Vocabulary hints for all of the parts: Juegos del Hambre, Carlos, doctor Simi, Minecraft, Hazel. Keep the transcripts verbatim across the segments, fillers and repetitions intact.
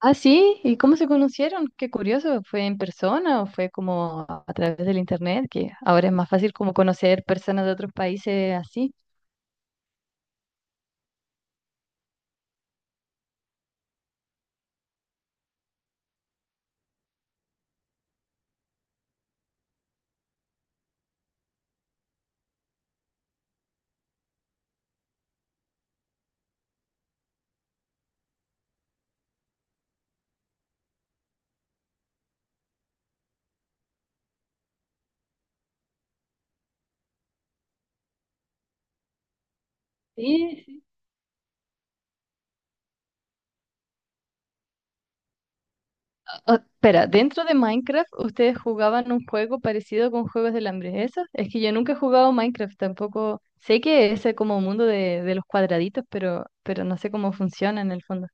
Ah, sí, ¿y cómo se conocieron? Qué curioso, ¿fue en persona o fue como a a través del internet? Que ahora es más fácil como conocer personas de otros países así. Sí, sí. O- espera, dentro de Minecraft ustedes jugaban un juego parecido con Juegos del Hambre, ¿eso? Es que yo nunca he jugado Minecraft, tampoco sé que es eh, como mundo de, de los cuadraditos, pero, pero no sé cómo funciona en el fondo.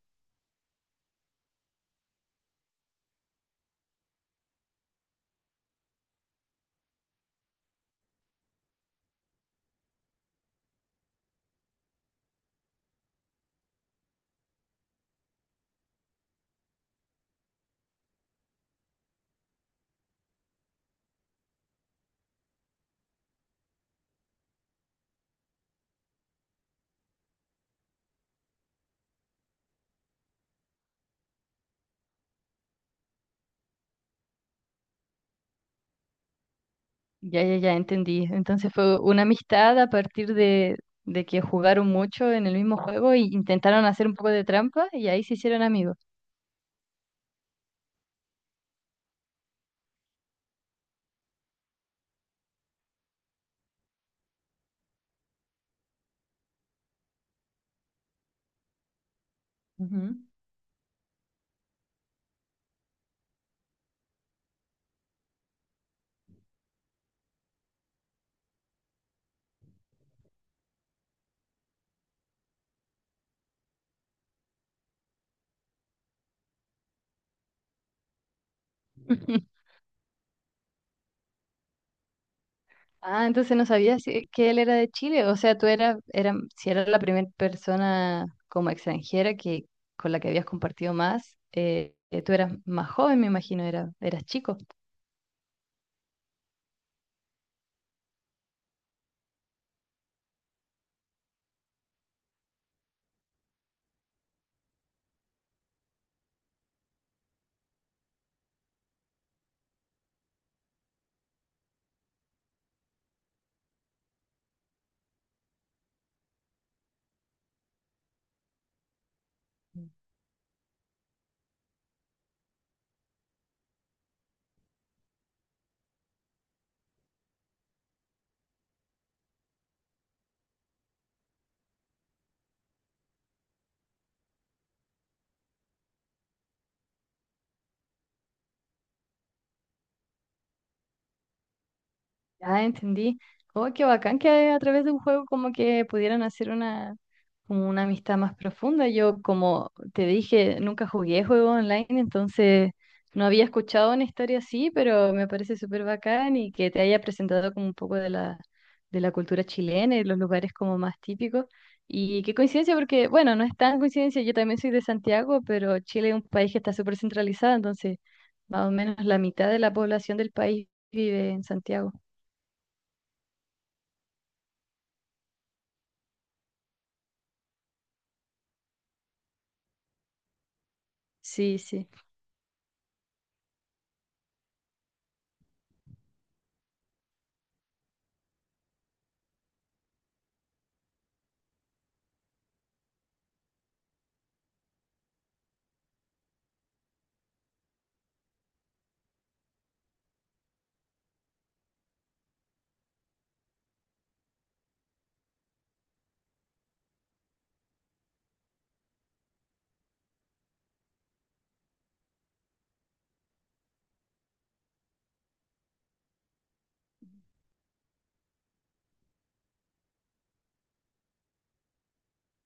Ya, ya, ya entendí. Entonces fue una amistad a partir de, de que jugaron mucho en el mismo juego e intentaron hacer un poco de trampa y ahí se hicieron amigos. Ujú. Ah, entonces no sabías si- que él era de Chile. O sea, tú eras, era, si eras la primera persona como extranjera que, con la que habías compartido más, eh, eh, tú eras más joven, me imagino, era, eras chico. Ya entendí. Oh, qué bacán que a través de un juego como que pudieran hacer una, como una amistad más profunda. Yo, como te dije, nunca jugué juego online, entonces no había escuchado una historia así, pero me parece súper bacán y que te haya presentado como un poco de la, de la cultura chilena y los lugares como más típicos. Y qué coincidencia, porque bueno, no es tan coincidencia, yo también soy de Santiago, pero Chile es un país que está súper centralizado, entonces más o menos la mitad de la población del país vive en Santiago. Sí, sí.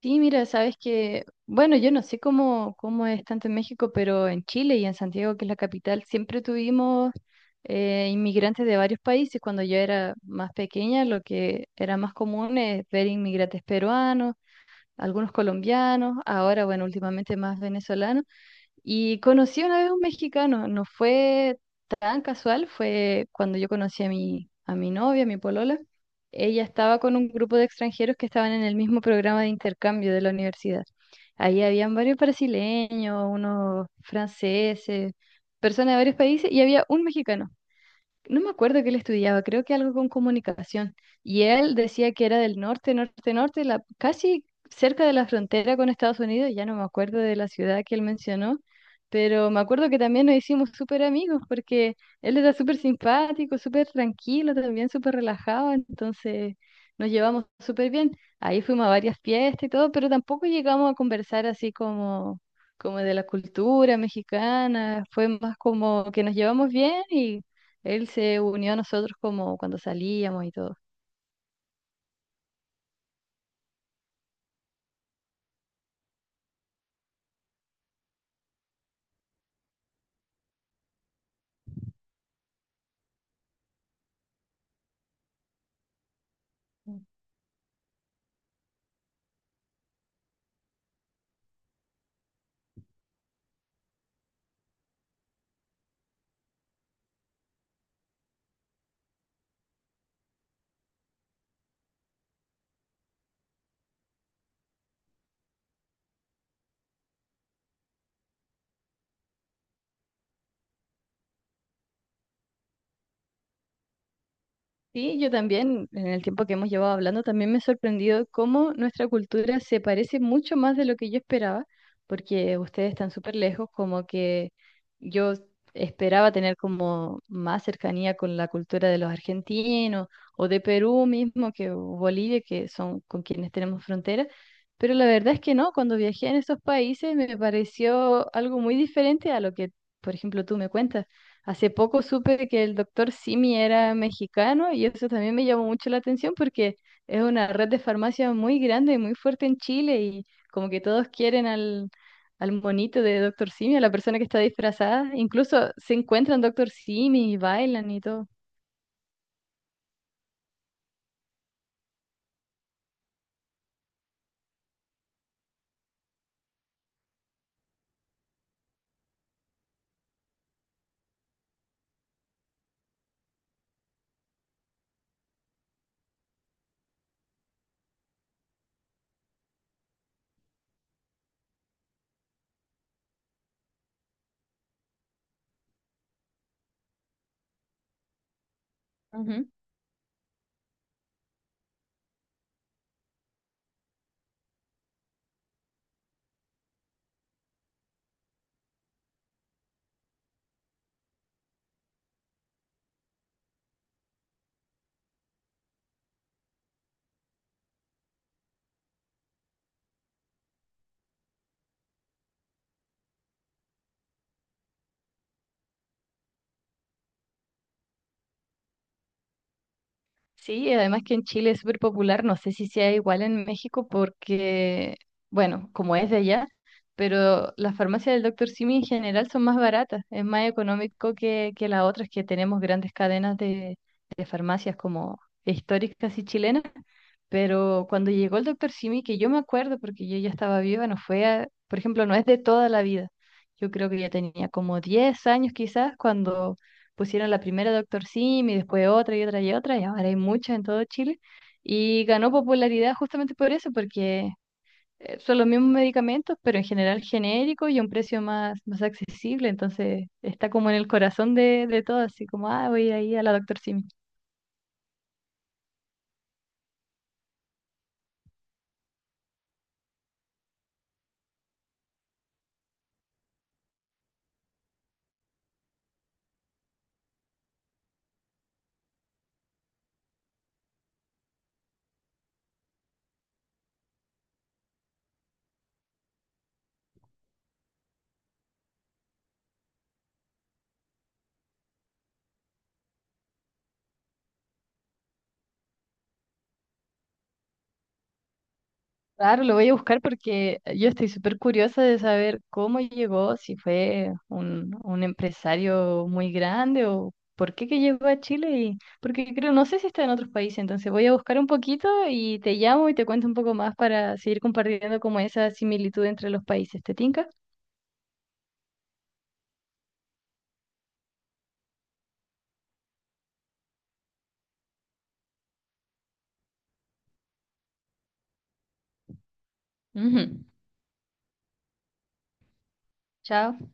Sí, mira, sabes que, bueno, yo no sé cómo, cómo es tanto en México, pero en Chile y en Santiago, que es la capital, siempre tuvimos eh, inmigrantes de varios países. Cuando yo era más pequeña, lo que era más común es ver inmigrantes peruanos, algunos colombianos, ahora, bueno, últimamente más venezolanos. Y conocí una vez a un mexicano, no fue tan casual, fue cuando yo conocí a mi, a mi novia, a mi polola. Ella estaba con un grupo de extranjeros que estaban en el mismo programa de intercambio de la universidad. Ahí habían varios brasileños, unos franceses, personas de varios países y había un mexicano. No me acuerdo que él estudiaba, creo que algo con comunicación. Y él decía que era del norte, norte, norte, la, casi cerca de la frontera con Estados Unidos, ya no me acuerdo de la ciudad que él mencionó, pero me acuerdo que también nos hicimos súper amigos porque él era súper simpático, súper tranquilo, también súper relajado, entonces nos llevamos súper bien. Ahí fuimos a varias fiestas y todo, pero tampoco llegamos a conversar así como, como de la cultura mexicana, fue más como que nos llevamos bien y él se unió a nosotros como cuando salíamos y todo. Sí, yo también, en el tiempo que hemos llevado hablando, también me he sorprendido cómo nuestra cultura se parece mucho más de lo que yo esperaba, porque ustedes están súper lejos, como que yo esperaba tener como más cercanía con la cultura de los argentinos o de Perú mismo, que o Bolivia, que son con quienes tenemos frontera, pero la verdad es que no, cuando viajé en esos países me pareció algo muy diferente a lo que, por ejemplo, tú me cuentas. Hace poco supe que el doctor Simi era mexicano y eso también me llamó mucho la atención porque es una red de farmacia muy grande y muy fuerte en Chile y como que todos quieren al, al monito de doctor Simi, a la persona que está disfrazada. Incluso se encuentran doctor Simi y bailan y todo. Ujú. Sí, además que en Chile es súper popular, no sé si sea igual en México porque, bueno, como es de allá, pero las farmacias del doctor Simi en general son más baratas, es más económico que, que las otras que tenemos grandes cadenas de, de farmacias como históricas y chilenas. Pero cuando llegó el doctor Simi, que yo me acuerdo porque yo ya estaba viva, no fue, a- por ejemplo, no es de toda la vida. Yo creo que ya tenía como diez años quizás cuando pusieron la primera doctor Simi, después otra y otra y otra, y ahora hay muchas en todo Chile. Y ganó popularidad justamente por eso, porque eh, son los mismos medicamentos, pero en general genéricos y a un precio más, más accesible. Entonces está como en el corazón de, de todo, así como, ah, voy a ir ahí a la doctor Simi. Claro, lo voy a buscar porque yo estoy súper curiosa de saber cómo llegó, si fue un, un empresario muy grande o por qué que llegó a Chile y porque creo, no sé si está en otros países, entonces voy a buscar un poquito y te llamo y te cuento un poco más para seguir compartiendo como esa similitud entre los países. ¿Te tinca? Ujú. Chao.